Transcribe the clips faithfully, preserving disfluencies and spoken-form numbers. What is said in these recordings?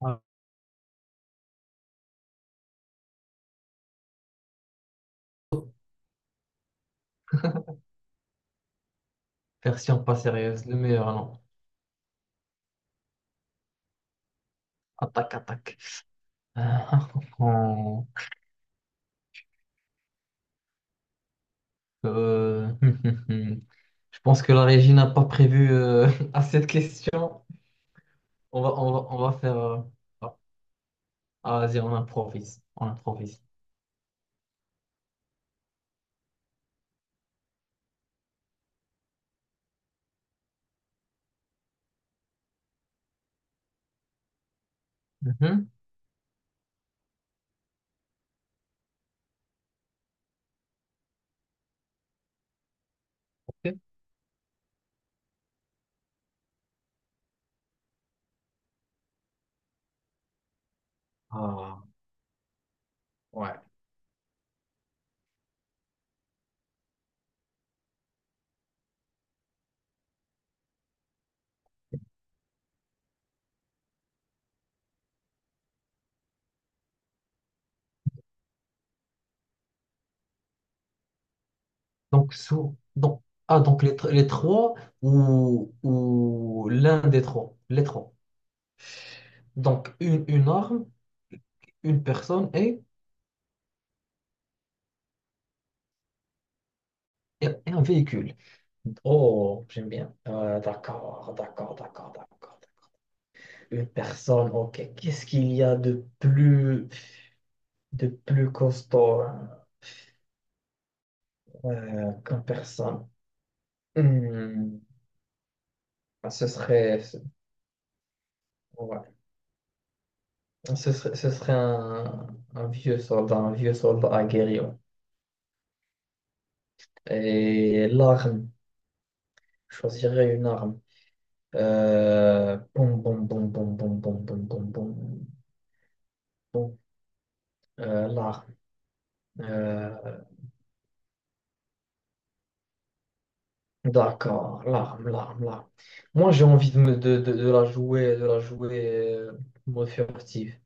Ah, version pas sérieuse, le meilleur, non. Attaque, attaque. Ah, on- euh, Je pense que la régie n'a pas prévu euh, à cette question. On va, on va, on va faire. euh, Ah, vas-y, on improvise. On improvise. Mhm. Ok. Ah, ouais. Donc, sous, donc, ah, donc les, tr- les trois ou, ou l'un des trois. Les trois. Donc, une, une arme, une personne et, et un véhicule. Oh, j'aime bien. Euh, d'accord, d'accord, d'accord, d'accord. Une personne, ok. Qu'est-ce qu'il y a de plus, de plus costaud hein, euh, qu'une personne? Hmm, ce serait, ce, ouais. Ce serait, ce serait un, un vieux soldat, un vieux soldat aguerri. Ouais. Et l'arme, je choisirais une arme. Euh, boum, boum, boum, boum, boum, boum, boum, boum, boum, boum. Euh, l'arme. Euh, D'accord, l'arme, l'arme, l'arme. Moi, j'ai envie de, me- de, de, de la jouer, de la jouer euh, mode furtif.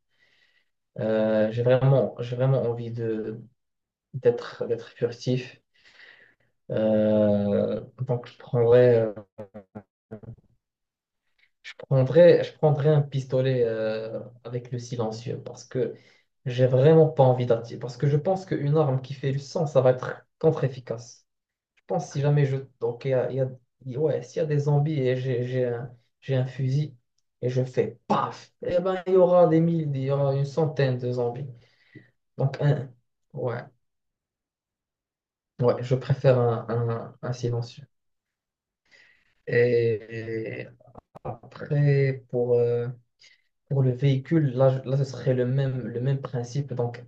Euh, j'ai vraiment, j'ai vraiment envie de d'être d'être furtif. Euh, donc, je prendrais, euh, je prendrais, je prendrais un pistolet euh, avec le silencieux parce que j'ai vraiment pas envie d'attirer. Parce que je pense qu'une arme qui fait le sang, ça va être contre-efficace. Pense si jamais je... Donc, il y a, il y a- il- ouais, s'il y a des zombies et j'ai j'ai un, j'ai un fusil et je fais paf, eh ben, il y aura des mille, il y aura une centaine de zombies. Donc, un, ouais, ouais, je préfère un, un, un silencieux. Et après, pour, euh, pour le véhicule, là, je- là, ce serait le même, le même principe. Donc,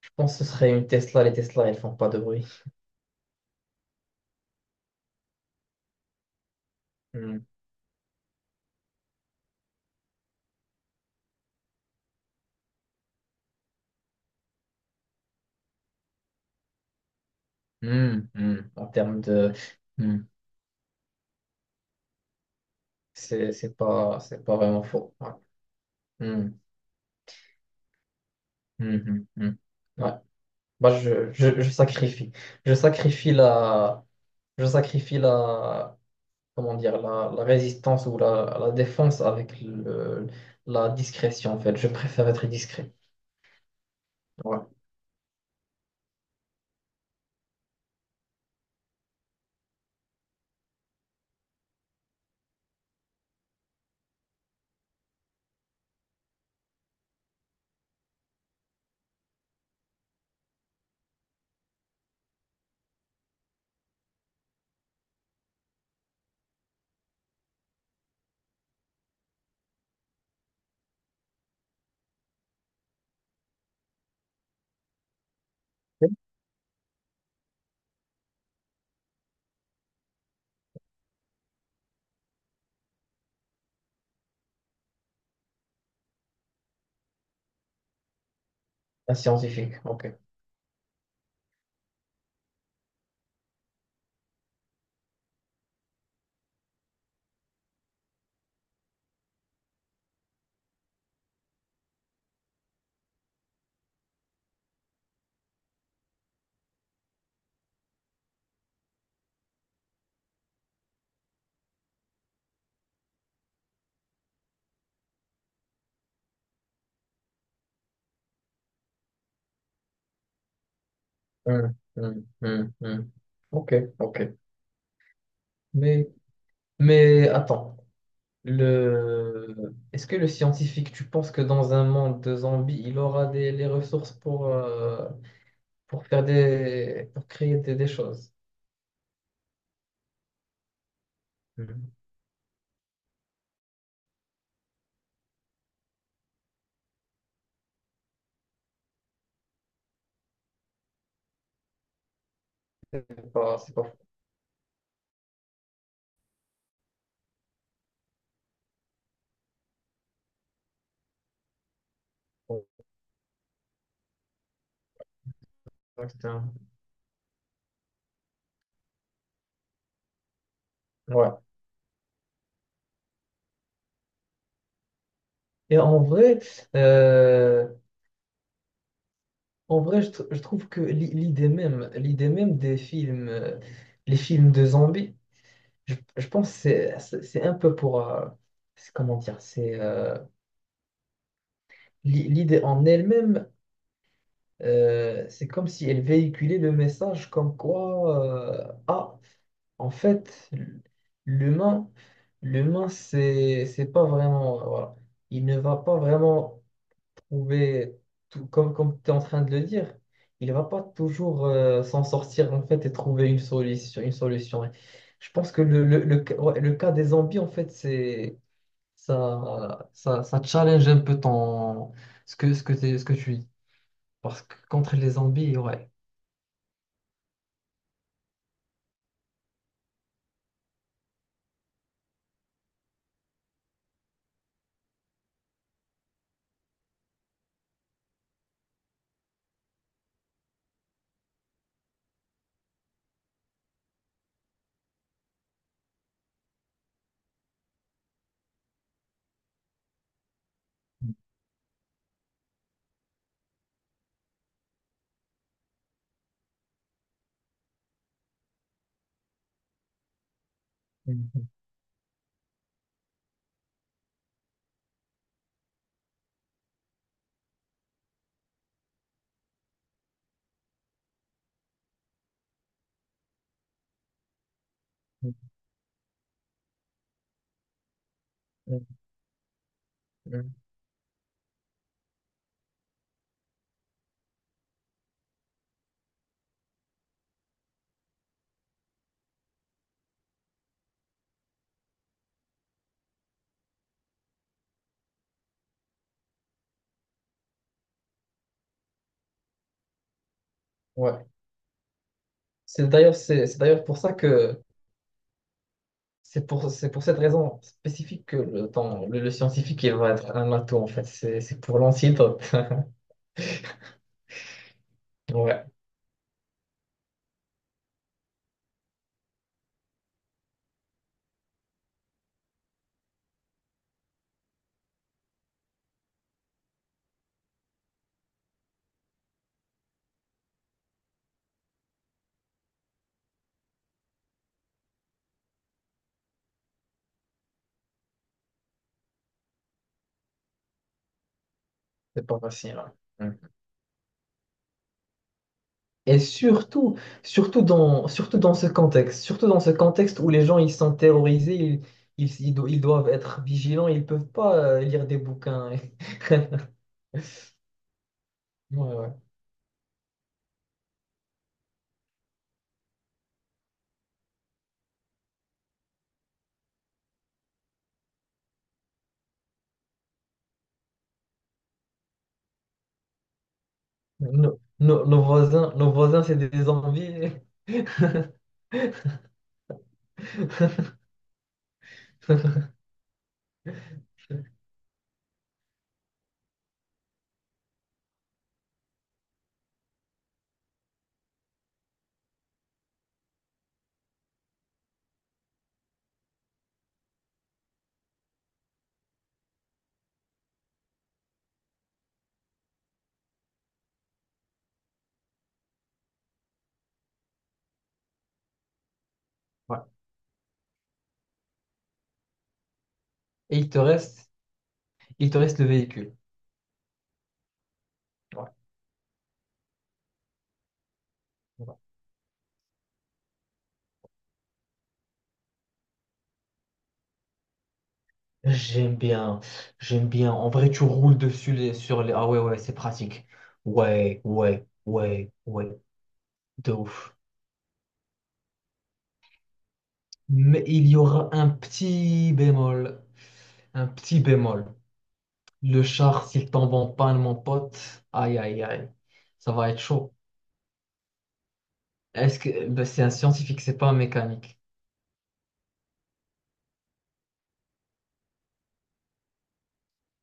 je pense que ce serait une Tesla. Les Tesla, elles font pas de bruit. Hmm. Hmm, hmm. En termes de... hmm. C'est c'est pas, c'est pas vraiment faux. Ouais. Hmm. Mhm, mhm. Ouais. Bah, je, je, je sacrifie. Je sacrifie la, je sacrifie la, comment dire, la, la résistance ou la, la défense avec le, la discrétion, en fait. Je préfère être discret. Ouais. Un scientifique. OK. Hum, hum, hum, hum. OK, OK. Mais, mais attends. Le... Est-ce que le scientifique, tu penses que dans un monde de zombies, il aura des, les ressources pour, euh, pour faire des, pour créer des, des choses? c'est pas, c'est pas fou, et cetera. Ouais. Et en vrai, euh, en vrai, je, tr- je trouve que l'i- l'idée même, l'idée même des films, euh, les films de zombies, je, je pense que c'est c'est- c'est un peu pour, euh, c'est- comment dire, c'est euh, l'i- l'idée en elle-même, euh, c'est comme si elle véhiculait le message comme quoi, euh, ah, en fait, l'humain, l'humain, c'est c'est pas vraiment, voilà, il ne va pas vraiment pouvez, tout, comme, comme tu es en train de le dire, il va pas toujours euh, s'en sortir en fait et trouver une solution, une solution. Et je pense que le, le, le, ca- ouais, le cas des zombies, en fait, c'est ça, ça, ça challenge un peu ton, ce que, ce que, t'es- ce que tu dis. Parce que contre les zombies, ouais. Mhm, mhm, mhm, mhm. Ouais. C'est d'ailleurs, c'est c'est d'ailleurs pour ça que c'est pour, c'est pour cette raison spécifique que le, ton- le, le scientifique il va être un atout en fait. C'est c'est pour l'antidote. Ouais. C'est pas facile, hein. Mm. Et surtout, surtout dans, surtout dans ce contexte, surtout dans ce contexte où les gens ils sont terrorisés, ils, ils, ils do- ils doivent être vigilants, ils peuvent pas euh, lire des bouquins. Ouais, ouais. Nos, nos- nos voisins, nos voisins, c'est des envies. Ouais. Et il te reste, il te reste le véhicule. Ouais. Ouais. J'aime bien, j'aime bien. En vrai, tu roules dessus les, sur les. Ah ouais, ouais, c'est pratique. Ouais, ouais, ouais, ouais, de ouf. Mais il y aura un petit bémol. Un petit bémol. Le char, s'il tombe en panne, mon pote, aïe aïe aïe, ça va être chaud. Est-ce que ben, c'est un scientifique, c'est pas un mécanique.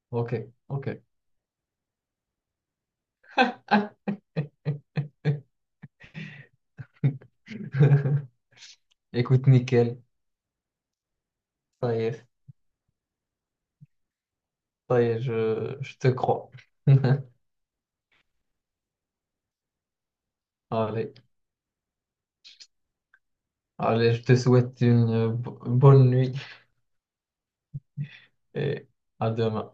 Ok, ok. Ah. Écoute, nickel. Ça y est, ça y est, je, je te crois. Allez, allez, je te souhaite une euh, bo- bonne nuit et à demain.